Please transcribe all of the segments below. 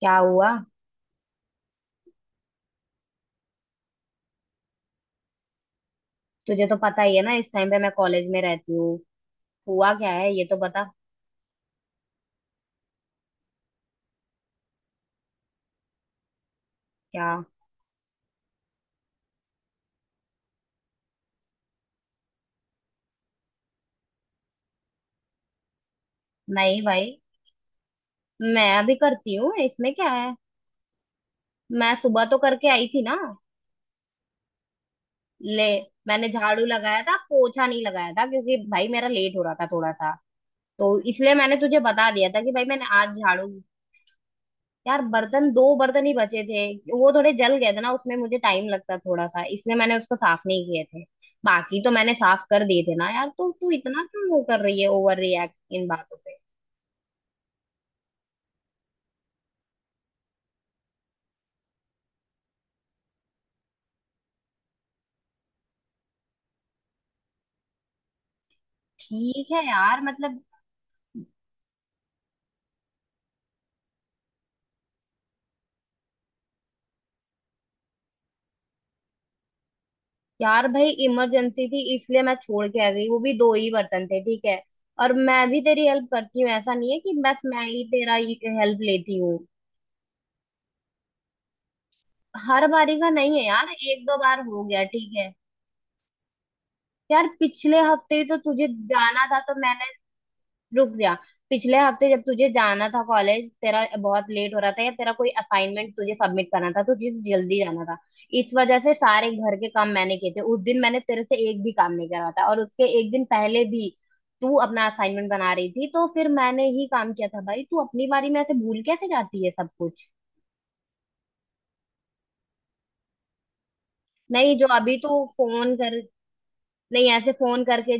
क्या हुआ। तुझे तो पता ही है ना, इस टाइम पे मैं कॉलेज में रहती हूँ। हुआ क्या है ये तो बता। क्या? नहीं भाई, मैं अभी करती हूँ, इसमें क्या है। मैं सुबह तो करके आई थी ना। ले, मैंने झाड़ू लगाया था, पोछा नहीं लगाया था क्योंकि भाई मेरा लेट हो रहा था थोड़ा सा। तो इसलिए मैंने तुझे बता दिया था कि भाई मैंने आज झाड़ू। यार, बर्तन दो बर्तन ही बचे थे, वो थोड़े जल गए थे ना, उसमें मुझे टाइम लगता थोड़ा सा, इसलिए मैंने उसको साफ नहीं किए थे। बाकी तो मैंने साफ कर दिए थे ना यार, तो तू इतना क्यों वो कर रही है, ओवर रिएक्ट इन बातों पे। ठीक है यार, मतलब, यार भाई इमरजेंसी थी इसलिए मैं छोड़ के आ गई, वो भी दो ही बर्तन थे, ठीक है। और मैं भी तेरी हेल्प करती हूँ, ऐसा नहीं है कि बस मैं ही तेरा हेल्प लेती हूँ। हर बारी का नहीं है यार, एक दो बार हो गया, ठीक है। यार पिछले हफ्ते ही तो तुझे जाना था तो मैंने। रुक जा। पिछले हफ्ते जब तुझे जाना था कॉलेज, तेरा बहुत लेट हो रहा था या तेरा कोई असाइनमेंट तुझे सबमिट करना था तो तुझे जल्दी जाना था। इस वजह से सारे घर के काम मैंने किए थे, उस दिन मैंने तेरे से एक भी काम नहीं करवाया था। और उसके एक दिन पहले भी तू अपना असाइनमेंट बना रही थी तो फिर मैंने ही काम किया था भाई। तू अपनी बारी में ऐसे भूल कैसे जाती है सब कुछ। नहीं, जो अभी तू फोन कर, नहीं, ऐसे फोन करके,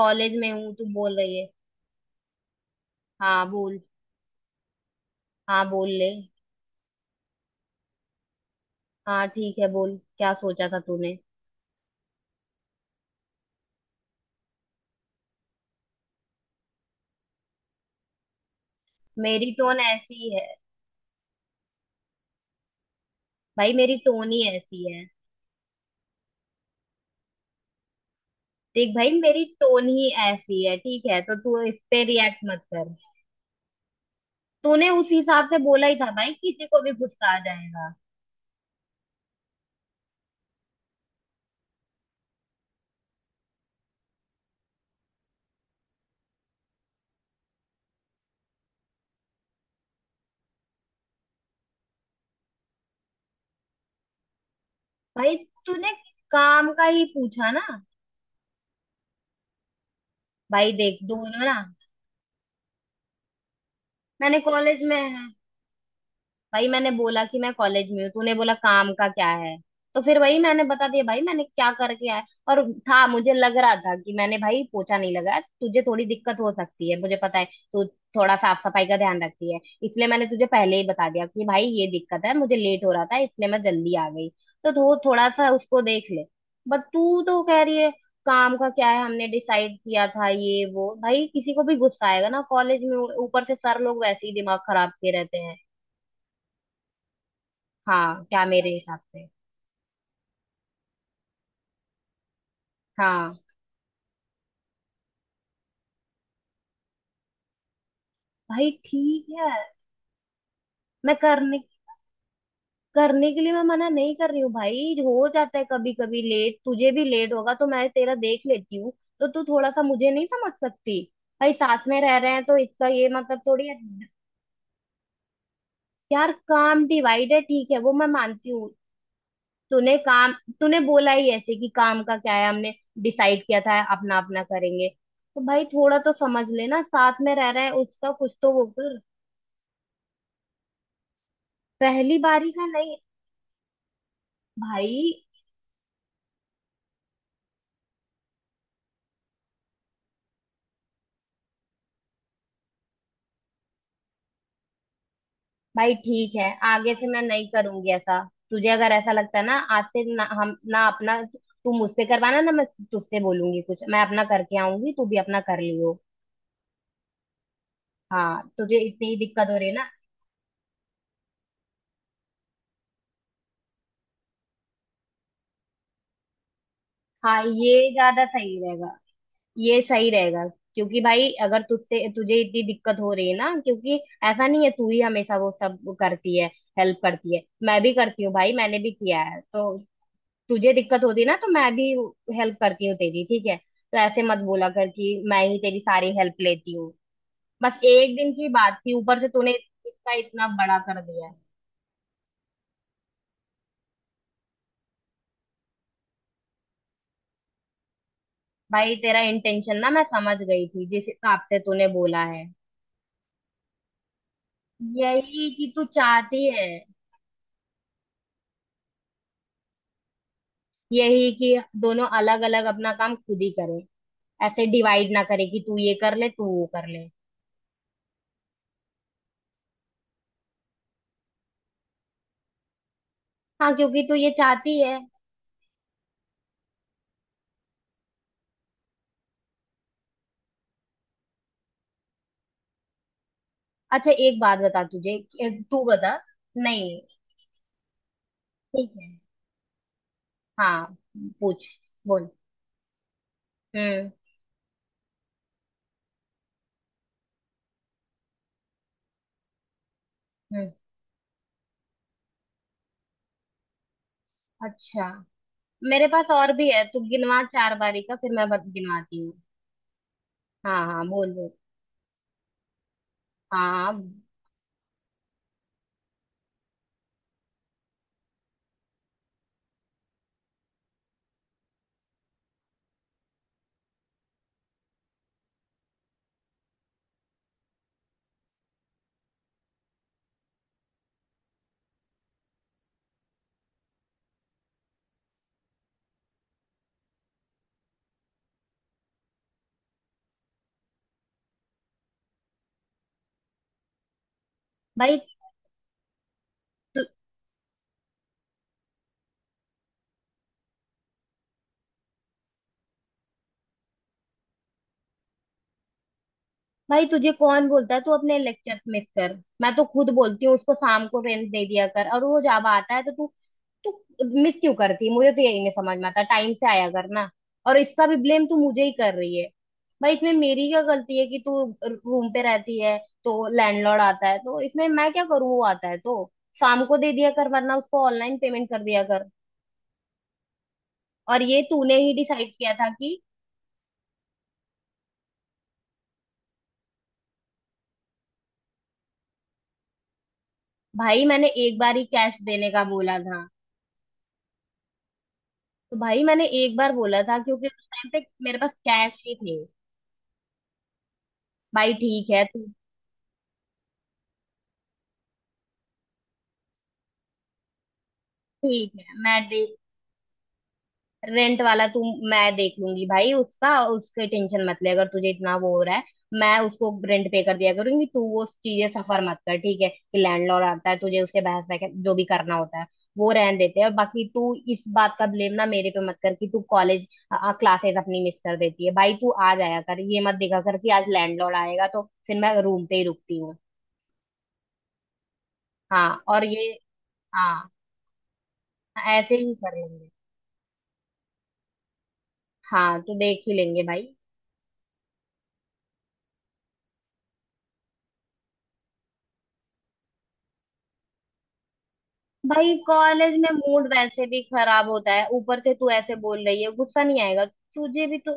कॉलेज में हूँ, तू बोल रही है। हाँ बोल। हाँ बोल ले। हाँ ठीक है, बोल, क्या सोचा था तूने। मेरी टोन ऐसी है। भाई मेरी टोन ही ऐसी है। देख भाई, मेरी टोन ही ऐसी है ठीक है, तो तू इस पे रिएक्ट मत कर। तूने उस हिसाब से बोला ही था भाई, किसी को भी गुस्सा आ जाएगा। भाई तूने काम का ही पूछा ना। भाई देख, दोनों ना, मैंने कॉलेज में, भाई मैंने बोला कि मैं कॉलेज में हूँ, तूने बोला काम का क्या है। तो फिर वही मैंने बता दिया भाई, मैंने क्या करके आया और था। मुझे लग रहा था कि मैंने भाई पोछा नहीं लगाया, तुझे थोड़ी दिक्कत हो सकती है, मुझे पता है तू थोड़ा साफ सफाई का ध्यान रखती है। इसलिए मैंने तुझे पहले ही बता दिया कि भाई ये दिक्कत है, मुझे लेट हो रहा था इसलिए मैं जल्दी आ गई, तो थोड़ा सा उसको देख ले। बट तू तो कह रही है काम का क्या है, हमने डिसाइड किया था ये वो। भाई किसी को भी गुस्सा आएगा ना, कॉलेज में ऊपर से सर लोग वैसे ही दिमाग खराब किए रहते हैं। हाँ क्या मेरे हिसाब से। हाँ। भाई ठीक है, मैं करने करने के लिए मैं मना नहीं कर रही हूँ भाई, हो जाता है कभी कभी लेट, तुझे भी लेट होगा तो मैं तेरा देख लेती हूँ। तो तू थोड़ा सा मुझे नहीं समझ सकती। भाई साथ में रह रहे हैं तो इसका ये मतलब थोड़ी है। यार काम डिवाइड है ठीक है, वो मैं मानती हूँ। तूने काम, तूने बोला ही ऐसे कि काम का क्या है, हमने डिसाइड किया था अपना अपना करेंगे। तो भाई थोड़ा तो समझ लेना, साथ में रह रहे हैं उसका कुछ तो वो कर। पहली बारी का नहीं भाई। भाई ठीक है, आगे से मैं नहीं करूंगी ऐसा। तुझे अगर ऐसा लगता है ना, आज से ना हम ना अपना, तू मुझसे करवाना ना, मैं तुझसे बोलूंगी कुछ, मैं अपना करके आऊंगी, तू भी अपना कर लियो। हाँ, तुझे इतनी ही दिक्कत हो रही है ना। हाँ, ये ज्यादा सही रहेगा। ये सही रहेगा क्योंकि भाई अगर तुझसे तुझे इतनी दिक्कत हो रही है ना, क्योंकि ऐसा नहीं है तू ही हमेशा वो सब करती है, हेल्प करती है, मैं भी करती हूँ भाई, मैंने भी किया है तो। तुझे दिक्कत होती ना तो मैं भी हेल्प करती हूँ तेरी, ठीक है। तो ऐसे मत बोला कर कि मैं ही तेरी सारी हेल्प लेती हूँ। बस एक दिन की बात थी, ऊपर से तूने इसका इतना बड़ा कर दिया है। भाई तेरा इंटेंशन ना मैं समझ गई थी जिस हिसाब से तूने बोला है। यही कि तू चाहती है, यही कि दोनों अलग अलग अपना काम खुद ही करें, ऐसे डिवाइड ना करे कि तू ये कर ले तू वो कर ले। हाँ, क्योंकि तू ये चाहती है। अच्छा एक बात बता तुझे। तू बता। नहीं। ठीक है। हाँ। पूछ। बोल। हम्म। हम्म। अच्छा, मेरे पास और भी है, तू गिनवा 4 बारी का, फिर मैं गिनवाती हूँ। हाँ हाँ बोल बोल। हाँ। भाई। भाई तुझे कौन बोलता है तू अपने लेक्चर मिस कर। मैं तो खुद बोलती हूँ उसको शाम को रेंट दे दिया कर, और वो जब आता है तो तू, तू मिस क्यों करती है, मुझे तो यही नहीं समझ में आता, टाइम से आया कर ना। और इसका भी ब्लेम तू मुझे ही कर रही है। भाई इसमें मेरी क्या गलती है कि तू रूम पे रहती है तो लैंडलॉर्ड आता है, तो इसमें मैं क्या करूँ। वो आता है तो शाम को दे दिया कर, वरना उसको ऑनलाइन पेमेंट कर दिया कर। और ये तूने ही डिसाइड किया था कि, भाई मैंने एक बार ही कैश देने का बोला था। तो भाई मैंने एक बार बोला था क्योंकि उस टाइम पे मेरे पास कैश ही थे। भाई ठीक है तू, ठीक है। मैं दे, रेंट वाला तू, मैं देख लूंगी भाई उसका, उसके टेंशन मत ले अगर तुझे इतना वो हो रहा है। मैं उसको रेंट पे कर दिया करूंगी, तू वो चीजें सफर मत कर, ठीक है, कि लैंडलॉर्ड आता है तुझे उससे बहस वह जो भी करना होता है, वो रहने देते हैं। और बाकी तू इस बात का ब्लेम ना मेरे पे मत कर कि तू कॉलेज क्लासेस अपनी मिस कर देती है। भाई तू आ जाया कर, ये मत दिखा कर कि आज लैंडलॉर्ड आएगा तो फिर मैं रूम पे ही रुकती हूँ। हाँ और ये। हाँ। ऐसे ही कर लेंगे। हाँ तो देख ही लेंगे भाई। भाई कॉलेज में मूड वैसे भी खराब होता है, ऊपर से तू ऐसे बोल रही है, गुस्सा नहीं आएगा। तुझे भी तो।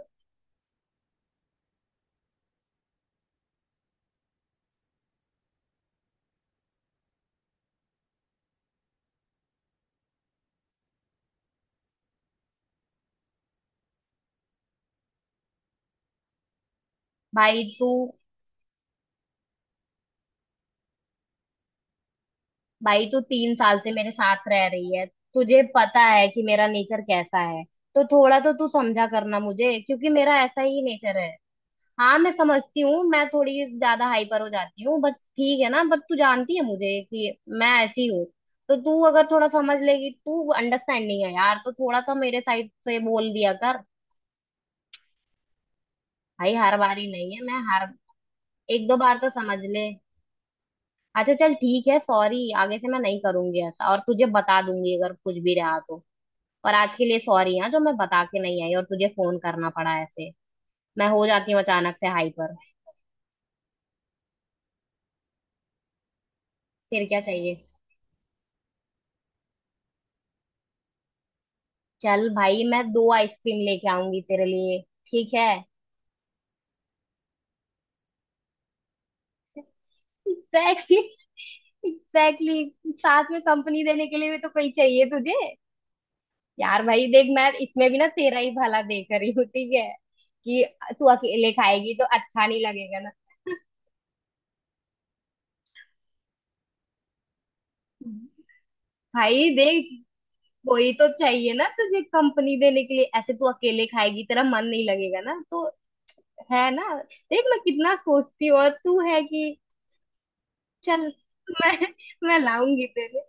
भाई तू भाई तू 3 साल से मेरे साथ रह रही है, तुझे पता है कि मेरा नेचर कैसा है, तो थोड़ा तो तू समझा करना मुझे क्योंकि मेरा ऐसा ही नेचर है। हाँ मैं समझती हूँ, मैं थोड़ी ज्यादा हाइपर हो जाती हूँ बस, ठीक है ना, बट तू जानती है मुझे कि मैं ऐसी हूँ। तो तू अगर थोड़ा समझ लेगी, तू अंडरस्टैंडिंग है यार, तो थोड़ा सा मेरे साइड से बोल दिया कर। भाई हर बार ही नहीं है, मैं हर एक दो बार तो समझ ले। अच्छा चल ठीक है, सॉरी। आगे से मैं नहीं करूंगी ऐसा, और तुझे बता दूंगी अगर कुछ भी रहा तो। और आज के लिए सॉरी हाँ, जो मैं बता के नहीं आई और तुझे फोन करना पड़ा ऐसे, मैं हो जाती हूँ अचानक से हाइपर। फिर क्या चाहिए। चल भाई, मैं दो आइसक्रीम लेके आऊंगी तेरे लिए, ठीक है। एग्जैक्टली। एग्जैक्टली, साथ में कंपनी देने के लिए भी तो कोई चाहिए तुझे। यार भाई देख, मैं इसमें भी ना तेरा ही भला देख रही हूँ, ठीक है, कि तू अकेले खाएगी तो अच्छा नहीं लगेगा ना। भाई देख, कोई तो चाहिए ना तुझे कंपनी देने के लिए, ऐसे तू अकेले खाएगी तेरा मन नहीं लगेगा ना तो, है ना। देख मैं कितना सोचती हूँ और तू है कि। चल, मैं मैं लाऊंगी तेरे।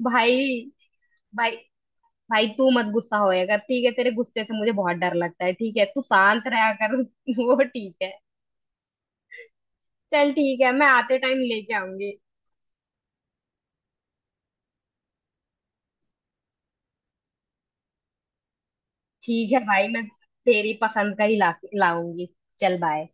भाई, भाई, भाई तू मत गुस्सा होया कर ठीक है, तेरे गुस्से से मुझे बहुत डर लगता है ठीक है, तू शांत रहा कर वो ठीक है। चल ठीक है, मैं आते टाइम लेके आऊंगी। ठीक है भाई, मैं तेरी पसंद का ही ला लाऊंगी। चल बाय।